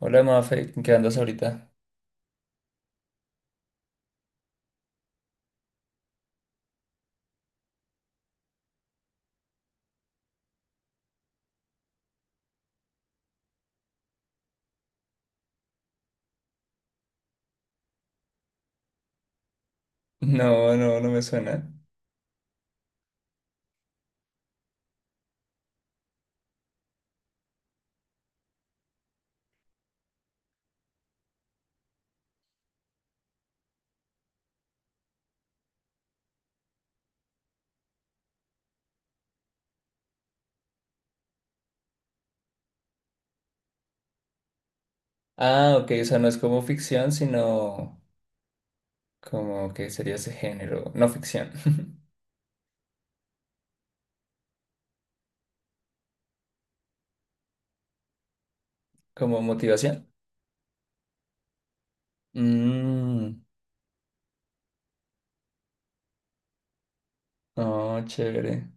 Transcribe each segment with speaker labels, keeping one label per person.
Speaker 1: Hola, Mafe, ¿en ¿qué andas ahorita? No, no, no me suena. Ah, ok, o sea, no es como ficción, sino como que sería ese género, no ficción, como motivación. Mmm, oh, chévere.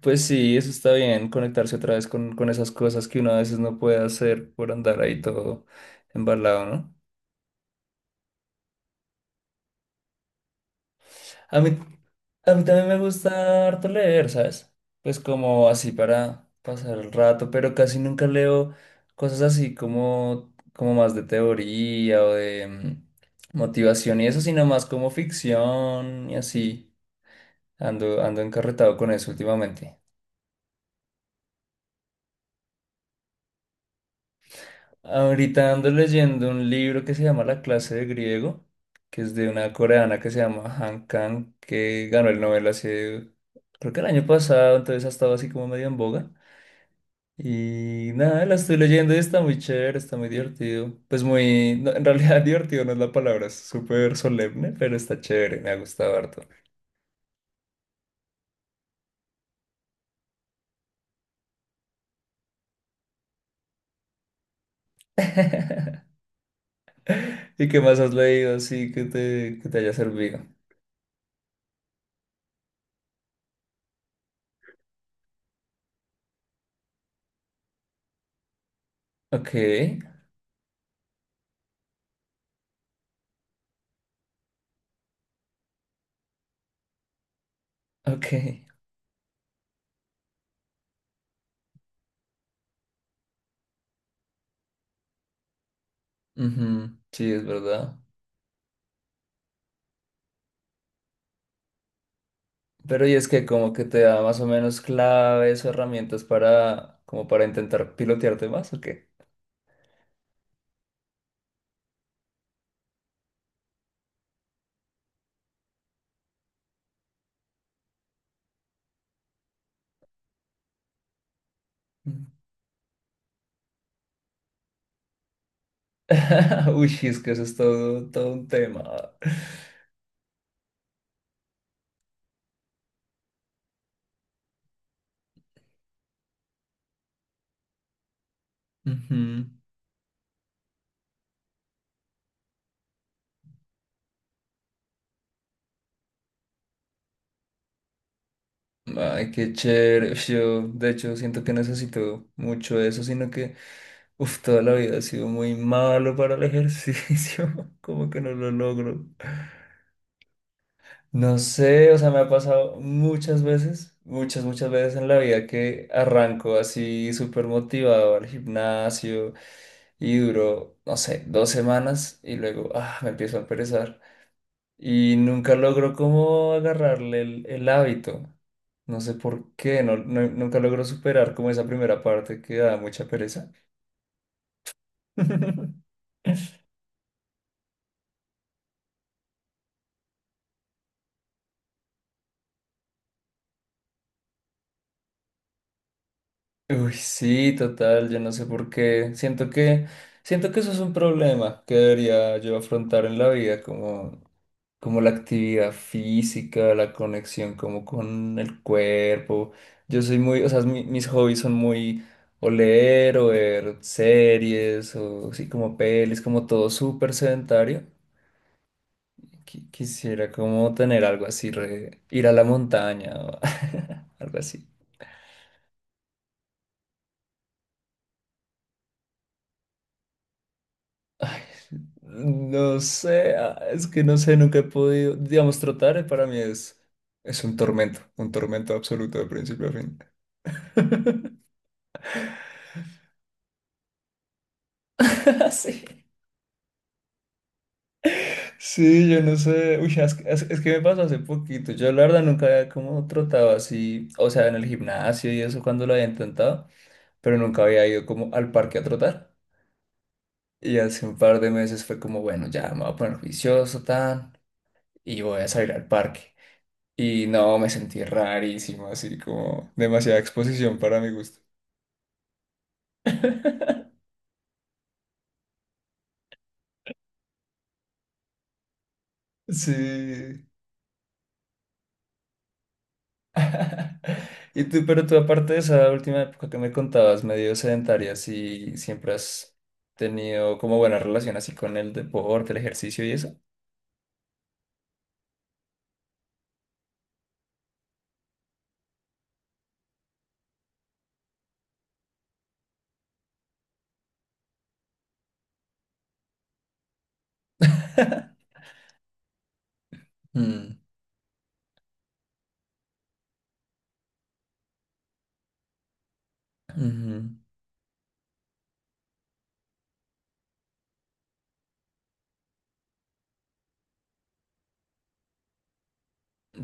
Speaker 1: Pues sí, eso está bien, conectarse otra vez con, esas cosas que uno a veces no puede hacer por andar ahí todo embalado, ¿no? A mí, a mí también me gusta harto leer, ¿sabes? Pues como así para pasar el rato, pero casi nunca leo cosas así como más de teoría o de motivación y eso, sino más como ficción y así. Ando, ando encarretado con eso últimamente. Ahorita ando leyendo un libro que se llama La clase de griego, que es de una coreana que se llama Han Kang, que ganó el Nobel hace, creo que el año pasado, entonces ha estado así como medio en boga. Y nada, la estoy leyendo y está muy chévere, está muy divertido. Pues muy, no, en realidad divertido no es la palabra, es súper solemne, pero está chévere, me ha gustado harto. ¿Y qué más has leído así que te haya servido? Ok, ok. Ujú, sí, es verdad. Pero y es que como que te da más o menos claves o herramientas para, como para intentar pilotearte más, ¿o qué? Mm. Uy, es que eso es todo, todo un tema. Ujú. Ay, qué chévere. Uf, yo, de hecho, siento que necesito mucho eso, sino que, uf, toda la vida he sido muy malo para el ejercicio. Como que no lo logro. No sé, o sea, me ha pasado muchas veces, muchas, muchas veces en la vida que arranco así súper motivado al gimnasio y duro, no sé, dos semanas y luego, ah, me empiezo a perezar y nunca logró como agarrarle el hábito. No sé por qué, nunca logró superar como esa primera parte que da mucha pereza. Uy, sí, total, yo no sé por qué. Siento que eso es un problema que debería yo afrontar en la vida, como la actividad física, la conexión como con el cuerpo. Yo soy muy, o sea, mis hobbies son muy o leer o ver series o así como pelis, como todo súper sedentario. Quisiera como tener algo así, ir a la montaña o algo así. No sé, ah, es que no sé, nunca he podido, digamos, trotar para mí es un tormento absoluto de principio a fin. Sí. Sí, yo no sé, uy, es que me pasó hace poquito, yo la verdad nunca había como trotado así, o sea, en el gimnasio y eso cuando lo había intentado, pero nunca había ido como al parque a trotar. Y hace un par de meses fue como, bueno, ya me voy a poner juicioso, tan, y voy a salir al parque. Y no, me sentí rarísimo, así como demasiada exposición para mi gusto. Sí. Pero tú aparte de esa última época que me contabas, medio sedentaria, si siempre has tenido como buena relación así con el deporte, el ejercicio y eso. Mm, ujú.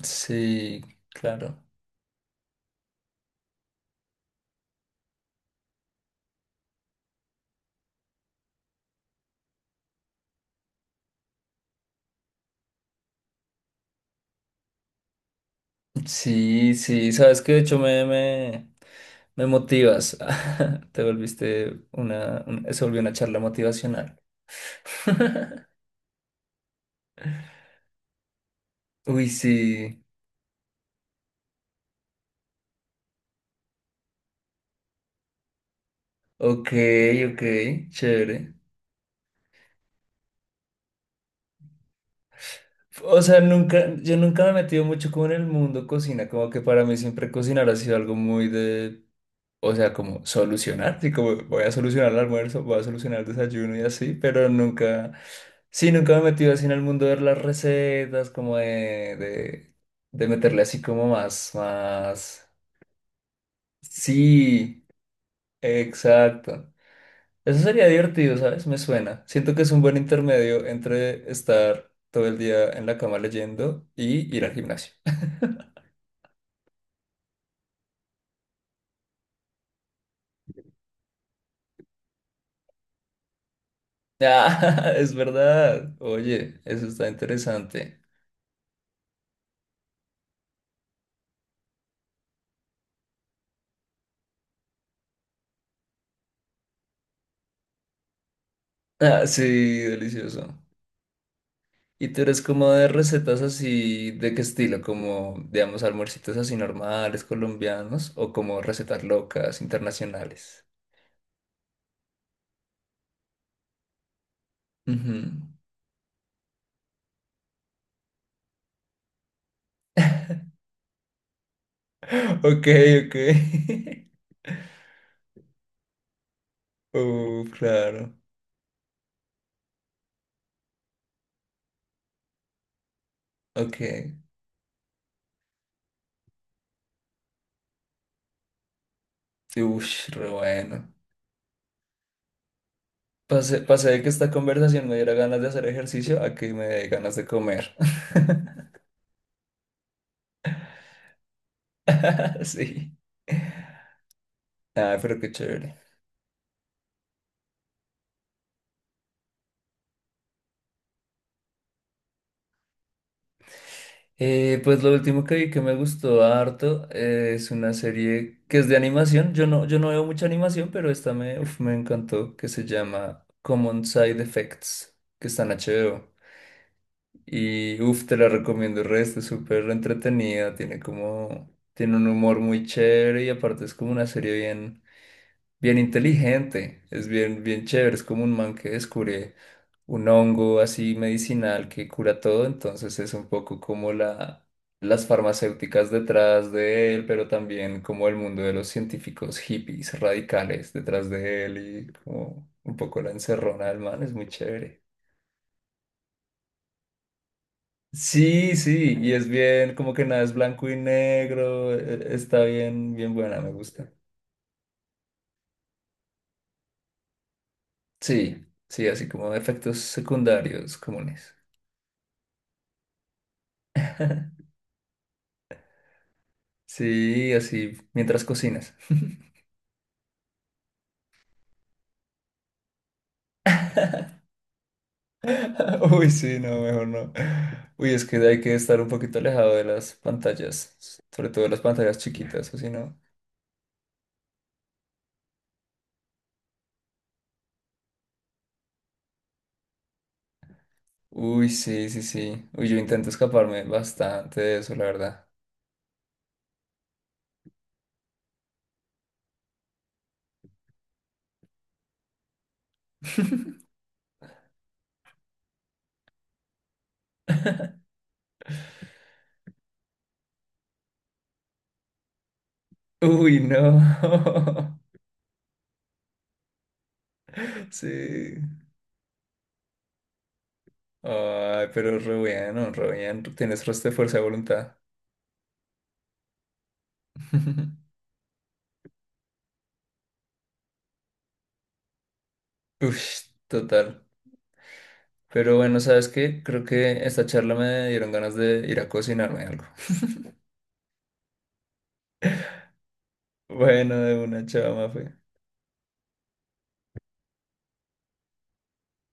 Speaker 1: Sí, claro. Sí, sí, sabes que de hecho me motivas. Te volviste una, se volvió una charla motivacional. Uy, sí. Ok, ok, chévere. O sea, nunca, yo nunca me he metido mucho como en el mundo cocina, como que para mí siempre cocinar ha sido algo muy de, o sea, como solucionar, sí, como voy a solucionar el almuerzo, voy a solucionar el desayuno y así, pero nunca, sí, nunca me he metido así en el mundo de las recetas, como de, de meterle así como más, más, sí, exacto. Eso sería divertido, ¿sabes? Me suena. Siento que es un buen intermedio entre estar todo el día en la cama leyendo y ir al gimnasio. Ah, es verdad. Oye, eso está interesante. Ah, sí, delicioso. ¿Y tú eres como de recetas así, de qué estilo? Como, digamos, almuercitos así normales, colombianos, o como recetas locas, internacionales. Ujú. Ok, ok. Claro. Ok. Ush, re bueno. Pasé, pasé de que esta conversación me diera ganas de hacer ejercicio a que me dé ganas de comer. Sí. Ah, pero qué chévere. Pues lo último que vi que me gustó harto es una serie que es de animación. Yo no veo mucha animación, pero esta uf, me encantó, que se llama Common Side Effects, que está en HBO. Y uff, te la recomiendo el resto, es súper entretenida, tiene un humor muy chévere y aparte es como una serie bien, bien inteligente, es bien, bien chévere, es como un man que descubre un hongo así medicinal que cura todo, entonces es un poco como las farmacéuticas detrás de él, pero también como el mundo de los científicos hippies radicales detrás de él y como un poco la encerrona del man, es muy chévere. Sí, sí, y es bien, como que nada es blanco y negro, está bien, bien buena, me gusta. Sí, sí, así como efectos secundarios comunes. Sí, así mientras cocinas. Uy, sí, no, mejor no. Uy, es que hay que estar un poquito alejado de las pantallas, sobre todo de las pantallas chiquitas, o si no. Uy, sí, sí, sí. Uy, yo intento escaparme bastante de eso, la verdad. Uy, no. Sí. Ay, pero re bueno, re bien. Tienes resto de fuerza de voluntad. Uy, total. Pero bueno, ¿sabes qué? Creo que esta charla me dieron ganas de ir a cocinarme algo. Bueno, de una chava, Mafe.